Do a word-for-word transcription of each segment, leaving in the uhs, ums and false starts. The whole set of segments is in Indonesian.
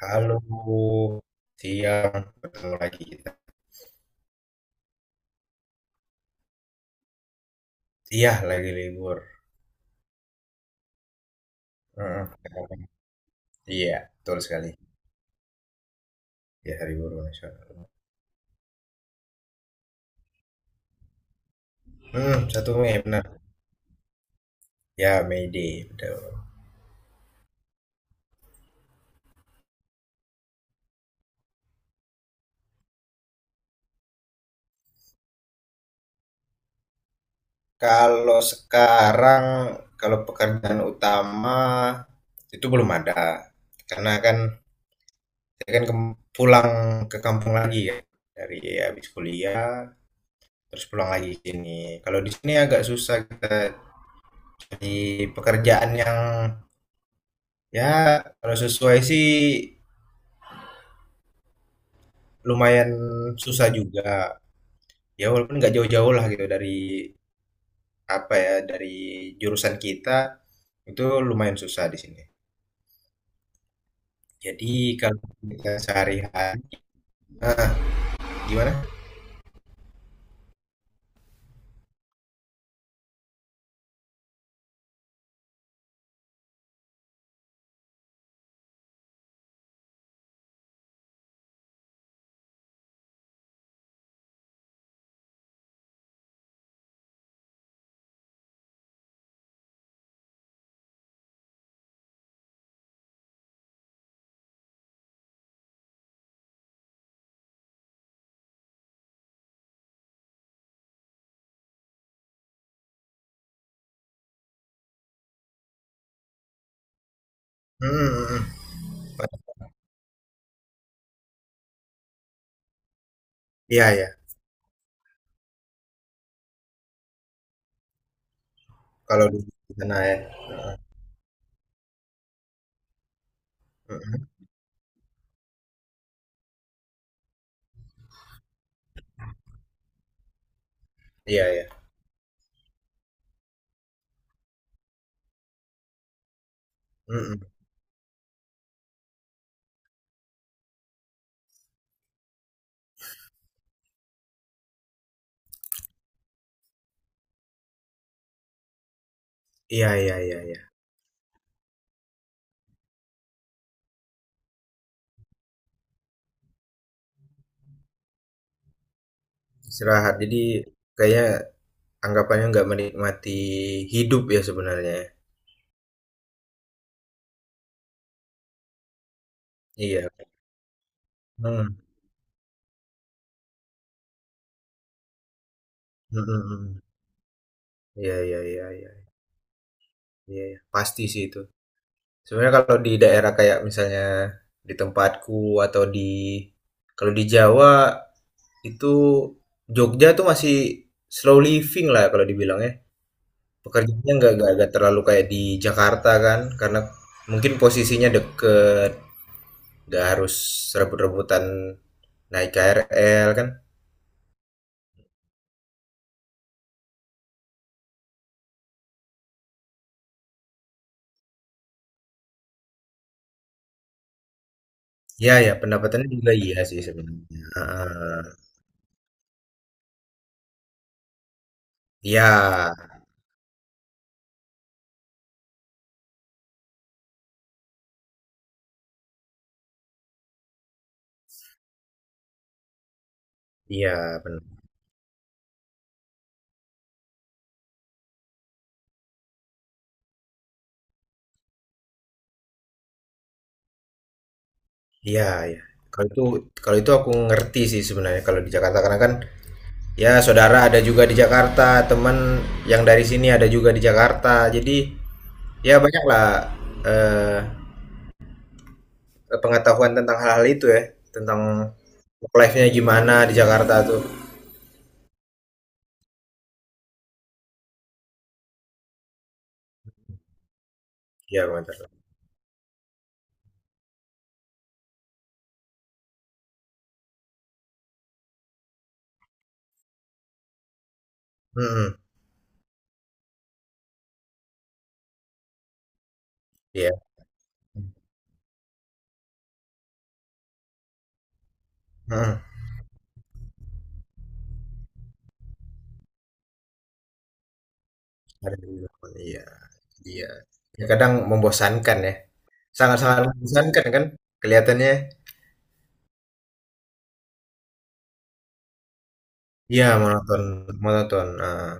Halo, siang ketemu lagi kita. Iya, lagi libur. Heeh, benar. Iya, betul sekali. Ya, hari buruh nasional. Hmm, satu Mei benar. Ya, May Day, betul. Kalau sekarang, kalau pekerjaan utama itu belum ada, karena kan saya kan kem- pulang ke kampung lagi ya dari habis kuliah, terus pulang lagi ke sini. Kalau di sini agak susah kita di pekerjaan yang Ya, kalau sesuai sih lumayan susah juga. Ya walaupun nggak jauh-jauh lah gitu dari apa ya dari jurusan kita itu lumayan susah di sini. Jadi kalau kita sehari-hari gimana? Hmm, hmm, hmm. Iya ya. Kalau di sana ya. Hmm, hmm. Iya ya. Hmm, hmm. Iya iya iya iya. Istirahat. Jadi kayaknya anggapannya nggak menikmati hidup ya sebenarnya. Ya. Iya. Hmm, hmm, hmm, hmm. Iya iya iya. Iya. Iya, iya. Pasti sih itu. Sebenarnya kalau di daerah kayak misalnya di tempatku atau di kalau di Jawa itu Jogja tuh masih slow living lah kalau dibilang ya. Pekerjaannya nggak nggak nggak terlalu kayak di Jakarta kan, karena mungkin posisinya deket, nggak harus rebut-rebutan naik K R L kan. Ya ya pendapatannya juga iya sih sebenarnya. Ah, iya, iya benar. Iya, iya. Kalau itu kalau itu aku ngerti sih sebenarnya kalau di Jakarta karena kan ya saudara ada juga di Jakarta, teman yang dari sini ada juga di Jakarta. Jadi ya banyaklah eh, pengetahuan tentang hal-hal itu ya, tentang work life-nya gimana di Jakarta tuh. Iya, benar. Hmm, iya. Hmm, ada di Jakarta. Iya, iya. Ya, kadang membosankan ya. Sangat-sangat membosankan kan kelihatannya. Iya, monoton, monoton. Eh.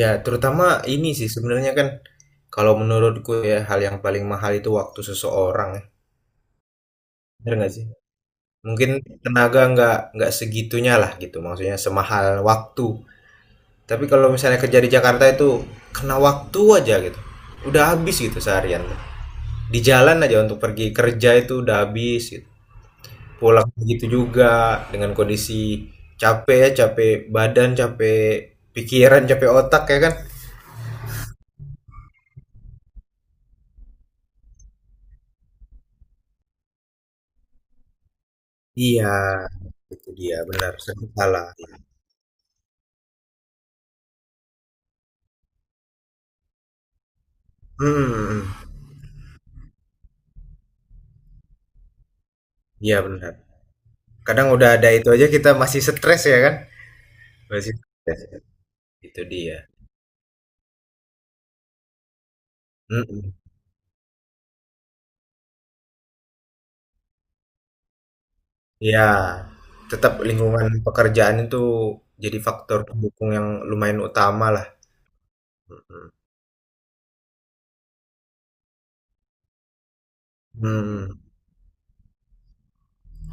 Ya, terutama ini sih sebenarnya kan kalau menurutku ya hal yang paling mahal itu waktu seseorang, ya. Bener nggak sih? Mungkin tenaga nggak nggak segitunya lah gitu, maksudnya semahal waktu. Tapi kalau misalnya kerja di Jakarta itu kena waktu aja gitu, udah habis gitu seharian. Di jalan aja untuk pergi kerja itu udah habis gitu. Pulang begitu juga dengan kondisi capek ya, capek badan, capek pikiran, capek otak ya kan? Iya, itu dia benar, sering salah. Hmm, iya benar. Kadang udah ada itu aja kita masih stres ya kan? Masih stres, ya. Itu dia. Mhm, iya, tetap lingkungan pekerjaan itu jadi faktor pendukung yang lumayan utama lah, mhm, mhm,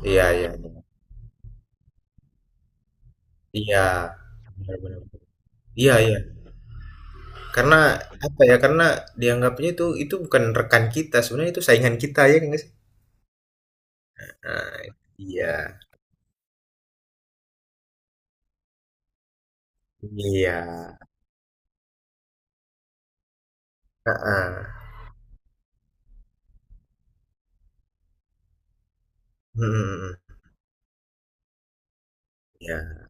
iya iya iya. Iya, benar benar. Iya iya, karena apa ya, karena dianggapnya itu itu bukan rekan kita, sebenarnya itu saingan kita ya nggak sih? Nah, iya, iya, heeh. Mhm ya.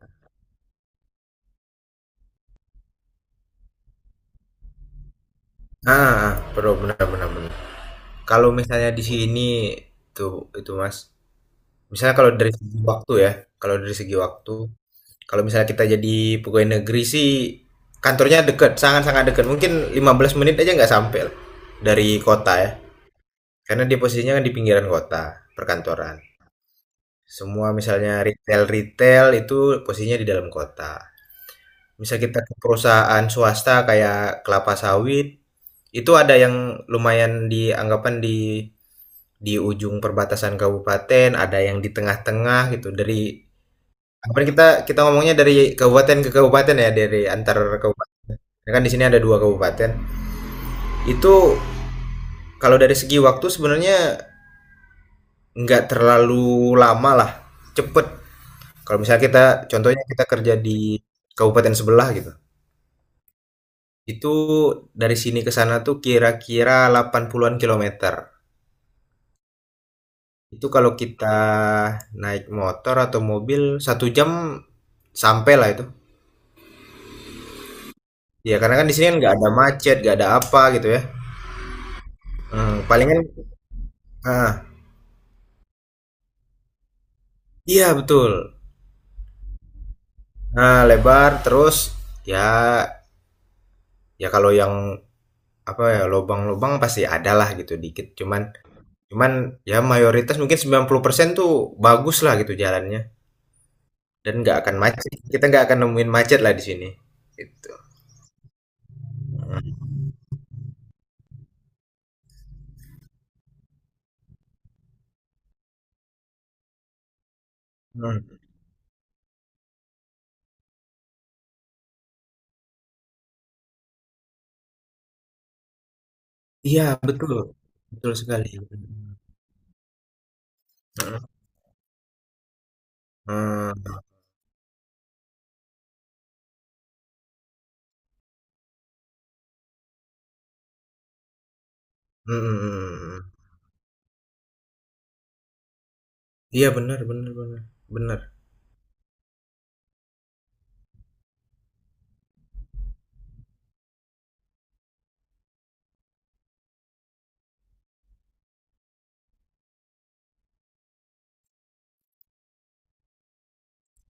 Ah, perlu, benar-benar. Bener. Kalau misalnya di sini tuh itu, Mas, misalnya kalau dari segi waktu ya, kalau dari segi waktu, kalau misalnya kita jadi pegawai negeri sih kantornya deket, sangat-sangat deket, mungkin lima belas menit aja nggak sampai lah dari kota ya, karena dia posisinya kan di pinggiran kota, perkantoran. Semua misalnya retail-retail itu posisinya di dalam kota. Misal kita ke perusahaan swasta kayak kelapa sawit, itu ada yang lumayan dianggapan di di ujung perbatasan kabupaten, ada yang di tengah-tengah gitu. Dari anggapan kita kita ngomongnya dari kabupaten ke kabupaten ya, dari antar kabupaten. Karena kan di sini ada dua kabupaten. Itu kalau dari segi waktu sebenarnya nggak terlalu lama lah, cepet. Kalau misalnya kita contohnya kita kerja di kabupaten sebelah gitu. Itu dari sini ke sana tuh kira-kira delapan puluhan-an kilometer. Itu kalau kita naik motor atau mobil satu jam sampai lah itu. Ya karena kan di sini kan nggak ada macet, nggak ada apa gitu ya. Hmm, palingan, ah, iya betul. Nah lebar terus ya ya kalau yang apa ya lobang-lobang pasti ada lah gitu dikit. Cuman cuman ya mayoritas mungkin sembilan puluh persen tuh bagus lah gitu jalannya dan nggak akan macet. Kita nggak akan nemuin macet lah di sini. Gitu. Mmm, iya betul, betul sekali, mhm, eee, mhm mhm. Iya benar benar benar benar.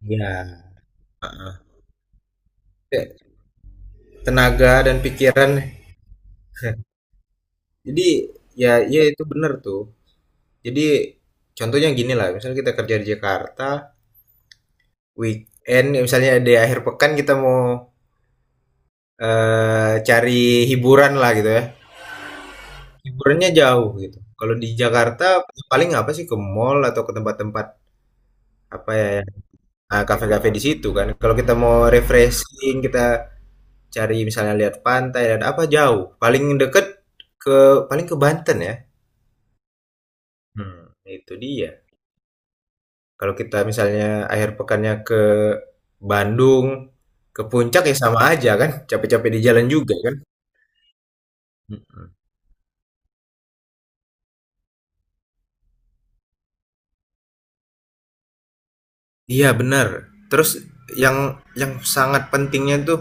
Iya, kayak tenaga dan pikiran jadi ya ya itu benar tuh. Jadi contohnya gini lah misalnya kita kerja di Jakarta, weekend ya misalnya di akhir pekan kita mau, eee, cari hiburan lah gitu ya, hiburannya jauh gitu. Kalau di Jakarta paling apa sih, ke mall atau ke tempat-tempat apa ya ah, kafe-kafe di situ kan. Kalau kita mau refreshing, kita cari misalnya lihat pantai dan apa jauh. Paling deket ke paling ke Banten ya. Hmm, itu dia. Kalau kita misalnya akhir pekannya ke Bandung, ke puncak ya sama aja kan. Capek-capek di jalan juga kan. Mm-mm. Iya benar. Terus yang yang sangat pentingnya tuh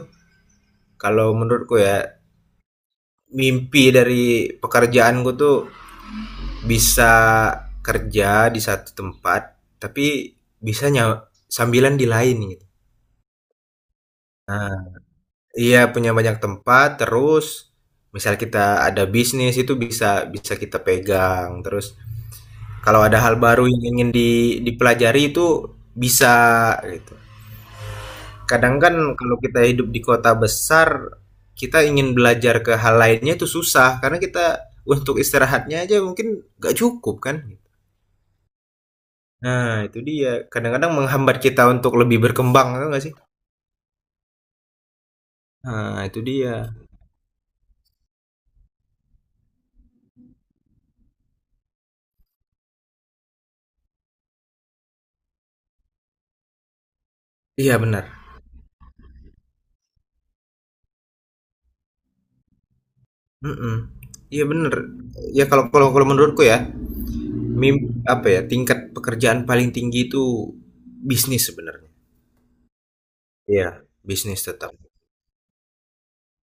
kalau menurutku ya mimpi dari pekerjaanku tuh bisa kerja di satu tempat tapi bisa nyaw- sambilan di lain gitu. Nah, iya punya banyak tempat terus misal kita ada bisnis itu bisa bisa kita pegang terus kalau ada hal baru yang ingin di- dipelajari itu bisa gitu. Kadang kan kalau kita hidup di kota besar kita ingin belajar ke hal lainnya itu susah karena kita untuk istirahatnya aja mungkin gak cukup kan. Nah, itu dia. Kadang-kadang menghambat kita untuk lebih berkembang, tau nggak sih? Nah, itu dia. Iya, benar. Mhm. Iya, benar. Ya kalau kalau kalau menurutku ya, mim apa ya, tingkat pekerjaan paling tinggi itu bisnis sebenarnya. Iya, bisnis tetap.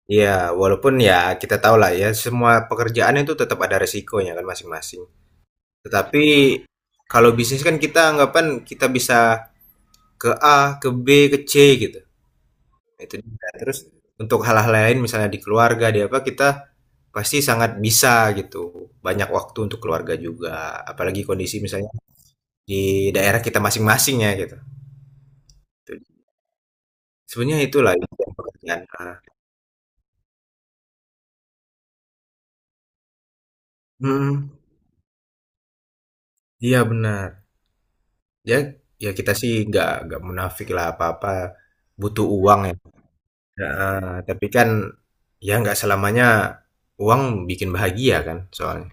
Iya, walaupun ya kita tahu lah ya, semua pekerjaan itu tetap ada resikonya kan masing-masing. Tetapi kalau bisnis kan kita anggapan kita bisa ke A, ke B, ke C gitu. Itu dia. Terus untuk hal-hal lain misalnya di keluarga, di apa, kita pasti sangat bisa gitu. Banyak waktu untuk keluarga juga, apalagi kondisi misalnya di daerah kita masing masingnya gitu. Itu dia. Sebenarnya itulah impian pekerjaan. Ah. Mhm. Iya benar. Ya ya kita sih nggak nggak munafik lah apa-apa butuh uang ya. Heeh, tapi kan ya nggak selamanya uang bikin bahagia kan soalnya.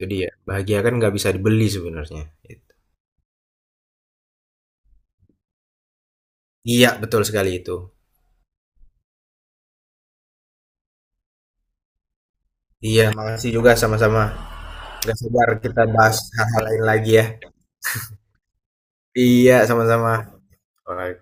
Jadi ya bahagia kan nggak bisa dibeli sebenarnya, gitu. Iya betul sekali itu. Iya, makasih juga sama-sama. Gak sabar kita bahas hal-hal lain lagi ya. Iya, sama-sama. Alright.